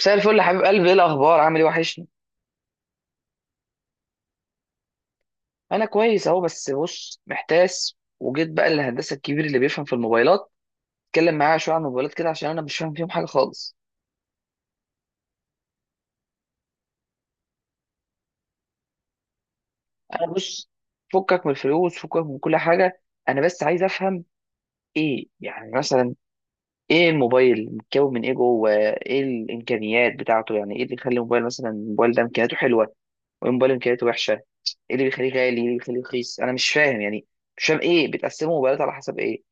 مساء الفل يا حبيب قلبي، ايه الاخبار؟ عامل ايه؟ وحشني. انا كويس اهو، بس بص، محتاس وجيت بقى للهندسه الكبير اللي بيفهم في الموبايلات. اتكلم معاه شويه عن الموبايلات كده عشان انا مش فاهم فيهم حاجه خالص. انا بص، فكك من الفلوس، فكك من كل حاجه. انا بس عايز افهم ايه يعني. مثلا ايه الموبايل؟ متكون من ايه جوه؟ ايه الامكانيات بتاعته؟ يعني ايه اللي يخلي الموبايل مثلا، الموبايل ده امكانياته حلوه، وايه الموبايل امكانياته وحشه؟ ايه اللي بيخليه غالي، ايه اللي بيخليه رخيص؟ انا مش فاهم يعني. مش فاهم، ايه بتقسموا موبايلات على حسب ايه؟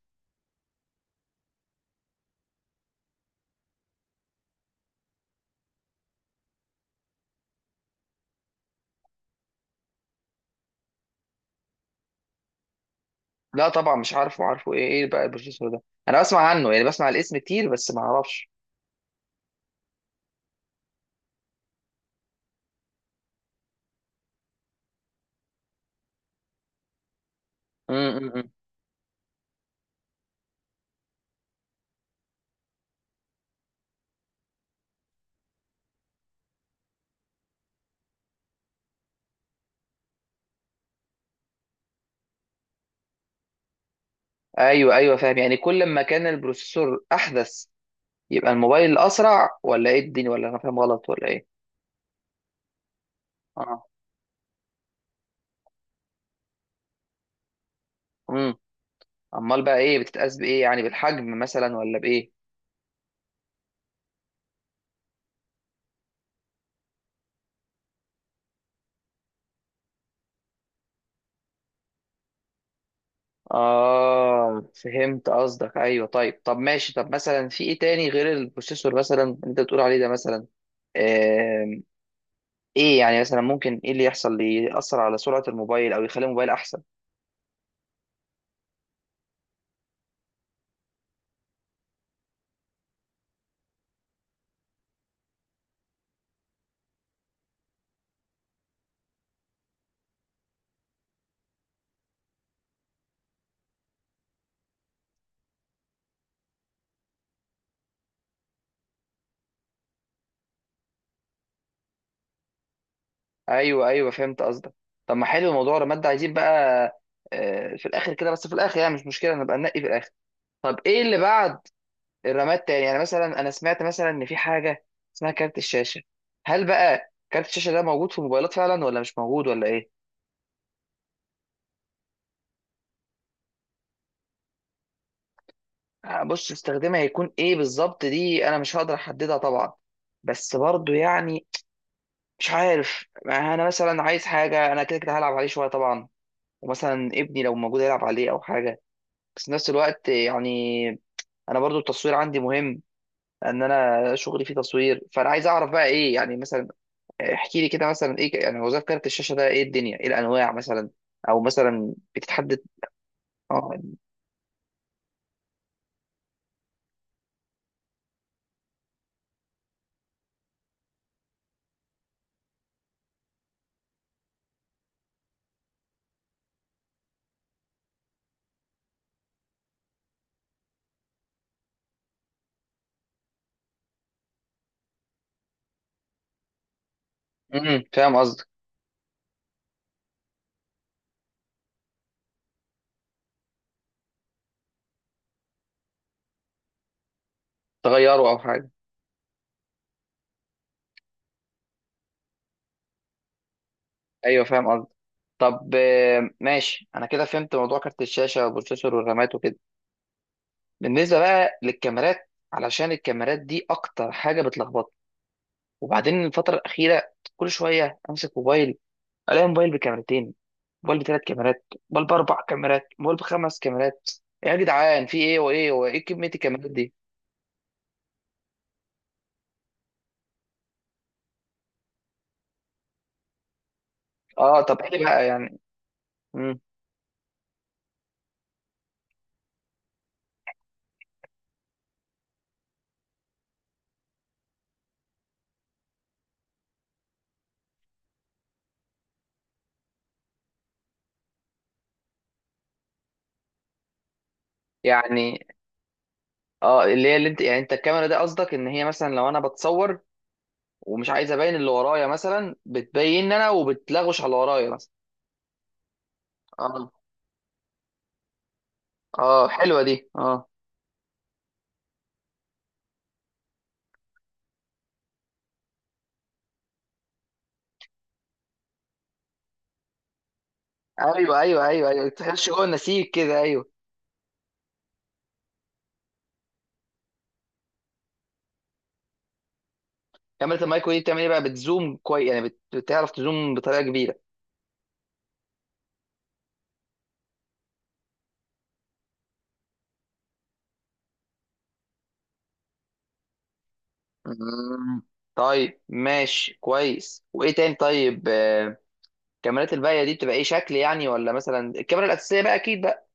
لا طبعا مش عارفه، عارفه ايه؟ ايه بقى البروفيسور ده؟ انا بسمع عنه، يعني بسمع الاسم كتير بس ما اعرفش. امم. ايوه، ايوه، فاهم، يعني كل ما كان البروسيسور احدث، يبقى الموبايل اسرع؟ ولا ايه الدنيا، ولا انا فاهم غلط، ولا ايه؟ اه. امم. امال بقى، ايه بتتقاس بايه؟ يعني بالحجم مثلا ولا بايه؟ اه فهمت قصدك، ايوه طيب. طب ماشي، طب مثلا في ايه تاني غير البروسيسور، مثلا انت بتقول عليه ده مثلا. آم، ايه يعني مثلا، ممكن ايه اللي يحصل، اللي يأثر على سرعة الموبايل او يخلي الموبايل احسن؟ ايوه، ايوه، فهمت قصدك. طب ما حلو موضوع الرماد ده، عايزين بقى في الاخر كده، بس في الاخر يعني مش مشكله، نبقى ننقي في الاخر. طب ايه اللي بعد الرماد تاني؟ يعني مثلا انا سمعت مثلا ان في حاجه اسمها كارت الشاشه. هل بقى كارت الشاشه ده موجود في الموبايلات فعلا، ولا مش موجود، ولا ايه؟ بص، استخدامها هيكون ايه بالظبط، دي انا مش هقدر احددها طبعا. بس برضو يعني مش عارف، ما انا مثلا عايز حاجه، انا كده كده هلعب عليه شويه طبعا. ومثلا ابني لو موجود يلعب عليه او حاجه. بس في نفس الوقت يعني، انا برضو التصوير عندي مهم. ان انا شغلي فيه تصوير، فانا عايز اعرف بقى ايه يعني مثلا. احكي لي كده مثلا ايه، يعني وظائف كارت الشاشه ده، ايه الدنيا، ايه الانواع مثلا، او مثلا بتتحدد. اه. فاهم قصدك. تغيره او حاجه. ايوه فاهم قصدك. طب ماشي، انا كده فهمت موضوع كارت الشاشه والبروسيسور والرامات وكده. بالنسبه بقى للكاميرات، علشان الكاميرات دي اكتر حاجه بتلخبطني. وبعدين الفتره الاخيره كل شويه امسك موبايل، الاقي موبايل بكاميرتين، موبايل ب3 كاميرات، موبايل ب4 كاميرات، موبايل ب5 كاميرات. يا جدعان، في ايه وايه وايه؟ إيه كميه الكاميرات دي؟ اه، طب ايه بقى يعني؟ مم. يعني اه، اللي هي، اللي انت يعني، انت الكاميرا دي قصدك ان هي مثلا لو انا بتصور ومش عايز ابين اللي ورايا مثلا، بتبين انا وبتلغوش على اللي ورايا مثلا؟ اه، اه، حلوه دي، اه. ايوه، ايوه، ايوه، ايوه، تخش جوه النسيج كده، ايوه. كاميرا المايكرو دي بتعمل ايه بقى؟ بتزوم كويس يعني، بتعرف تزوم بطريقه كبيره؟ مم. طيب ماشي كويس، وايه تاني؟ طيب الكاميرات الباقيه دي بتبقى ايه شكل يعني؟ ولا مثلا الكاميرا الاساسيه بقى اكيد بقى.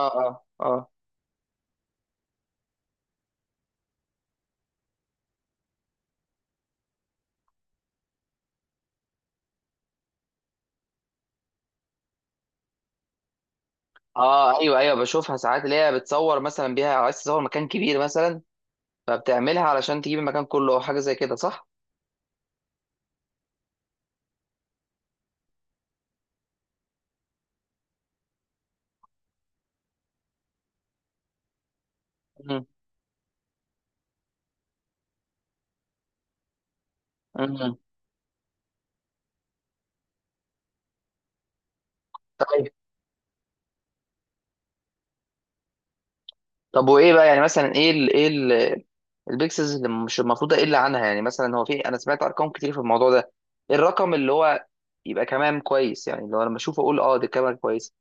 اه، اه، اه، اه. ايوه، ايوه، بشوفها ساعات اللي هي بتصور مثلا بيها، عايز تصور مكان كبير مثلا، فبتعملها علشان تجيب المكان كله او حاجه زي كده، صح؟ مم. مم. طيب. طب وايه بقى يعني مثلا، ايه ال ايه ال البيكسلز اللي مش المفروض اقل عنها؟ يعني مثلا هو في، انا سمعت ارقام كتير في الموضوع ده. إيه الرقم اللي هو يبقى كمان كويس، يعني لو انا لما اشوفه اقول اه دي كاميرا كويسه؟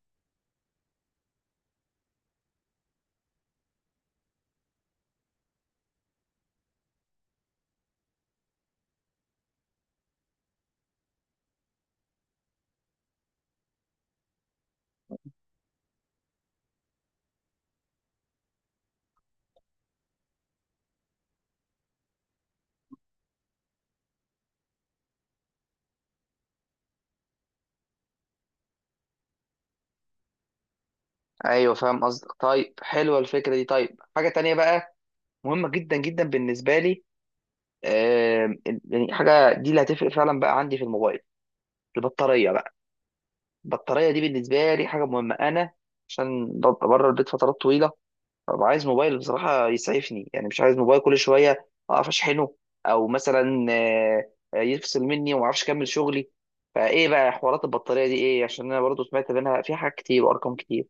ايوه فاهم قصدك. طيب حلوه الفكره دي. طيب حاجه تانية بقى مهمه جدا جدا بالنسبه لي. آم، يعني حاجه دي اللي هتفرق فعلا بقى عندي في الموبايل، البطاريه بقى. البطاريه دي بالنسبه لي حاجه مهمه، انا عشان ببقى بره البيت فترات طويله. ببقى عايز موبايل بصراحه يسعفني، يعني مش عايز موبايل كل شويه اقف اشحنه، او مثلا يفصل مني وما اعرفش اكمل شغلي. فايه بقى حوارات البطاريه دي ايه؟ عشان انا برضو سمعت منها فيها حاجات كتير وارقام كتير.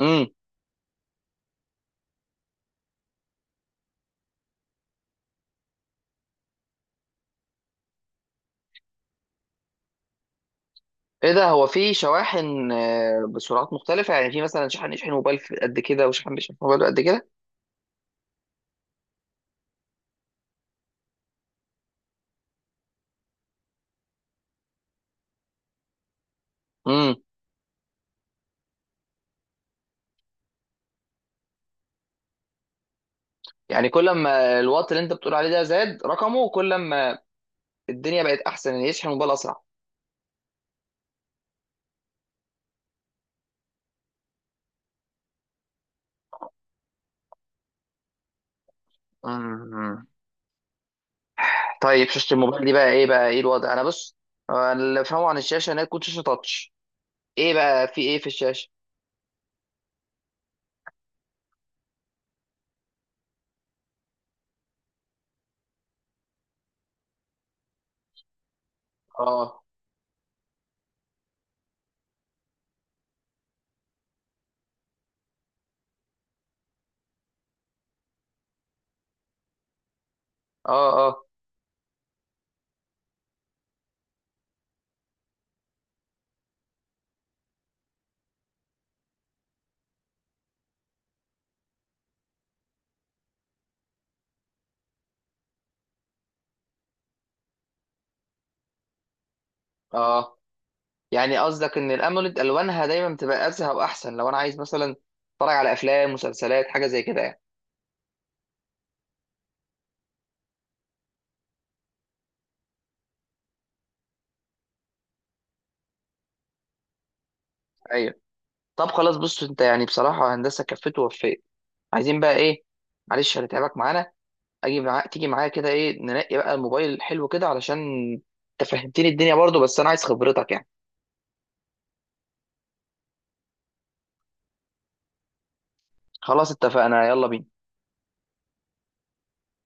امم. ايه ده! هو في شواحن بسرعات مختلفة؟ يعني في مثلا شحن يشحن موبايل في قد كده، وشحن بيشحن موبايل قد كده؟ امم يعني كل ما الوات اللي انت بتقول عليه ده زاد رقمه، كل ما الدنيا بقت احسن ان يشحن موبايل اسرع؟ امم طيب شاشة الموبايل دي بقى ايه؟ بقى ايه الوضع؟ انا بص، أنا اللي فاهمه عن الشاشة انها تكون شاشة تاتش. ايه بقى في ايه في الشاشة؟ اه، اه، اه، اه. يعني قصدك ان الاموليد الوانها دايما بتبقى ازهى واحسن لو انا عايز مثلا اتفرج على افلام، مسلسلات، حاجة زي كده يعني؟ ايوه. طب خلاص بص، انت يعني بصراحة هندسة كفت ووفيت. عايزين بقى ايه؟ معلش هنتعبك معانا. اجي معاك تيجي معايا كده، ايه ننقي بقى الموبايل حلو كده، علشان انت فهمتني الدنيا برضو، بس انا عايز خبرتك يعني. خلاص اتفقنا، يلا بينا.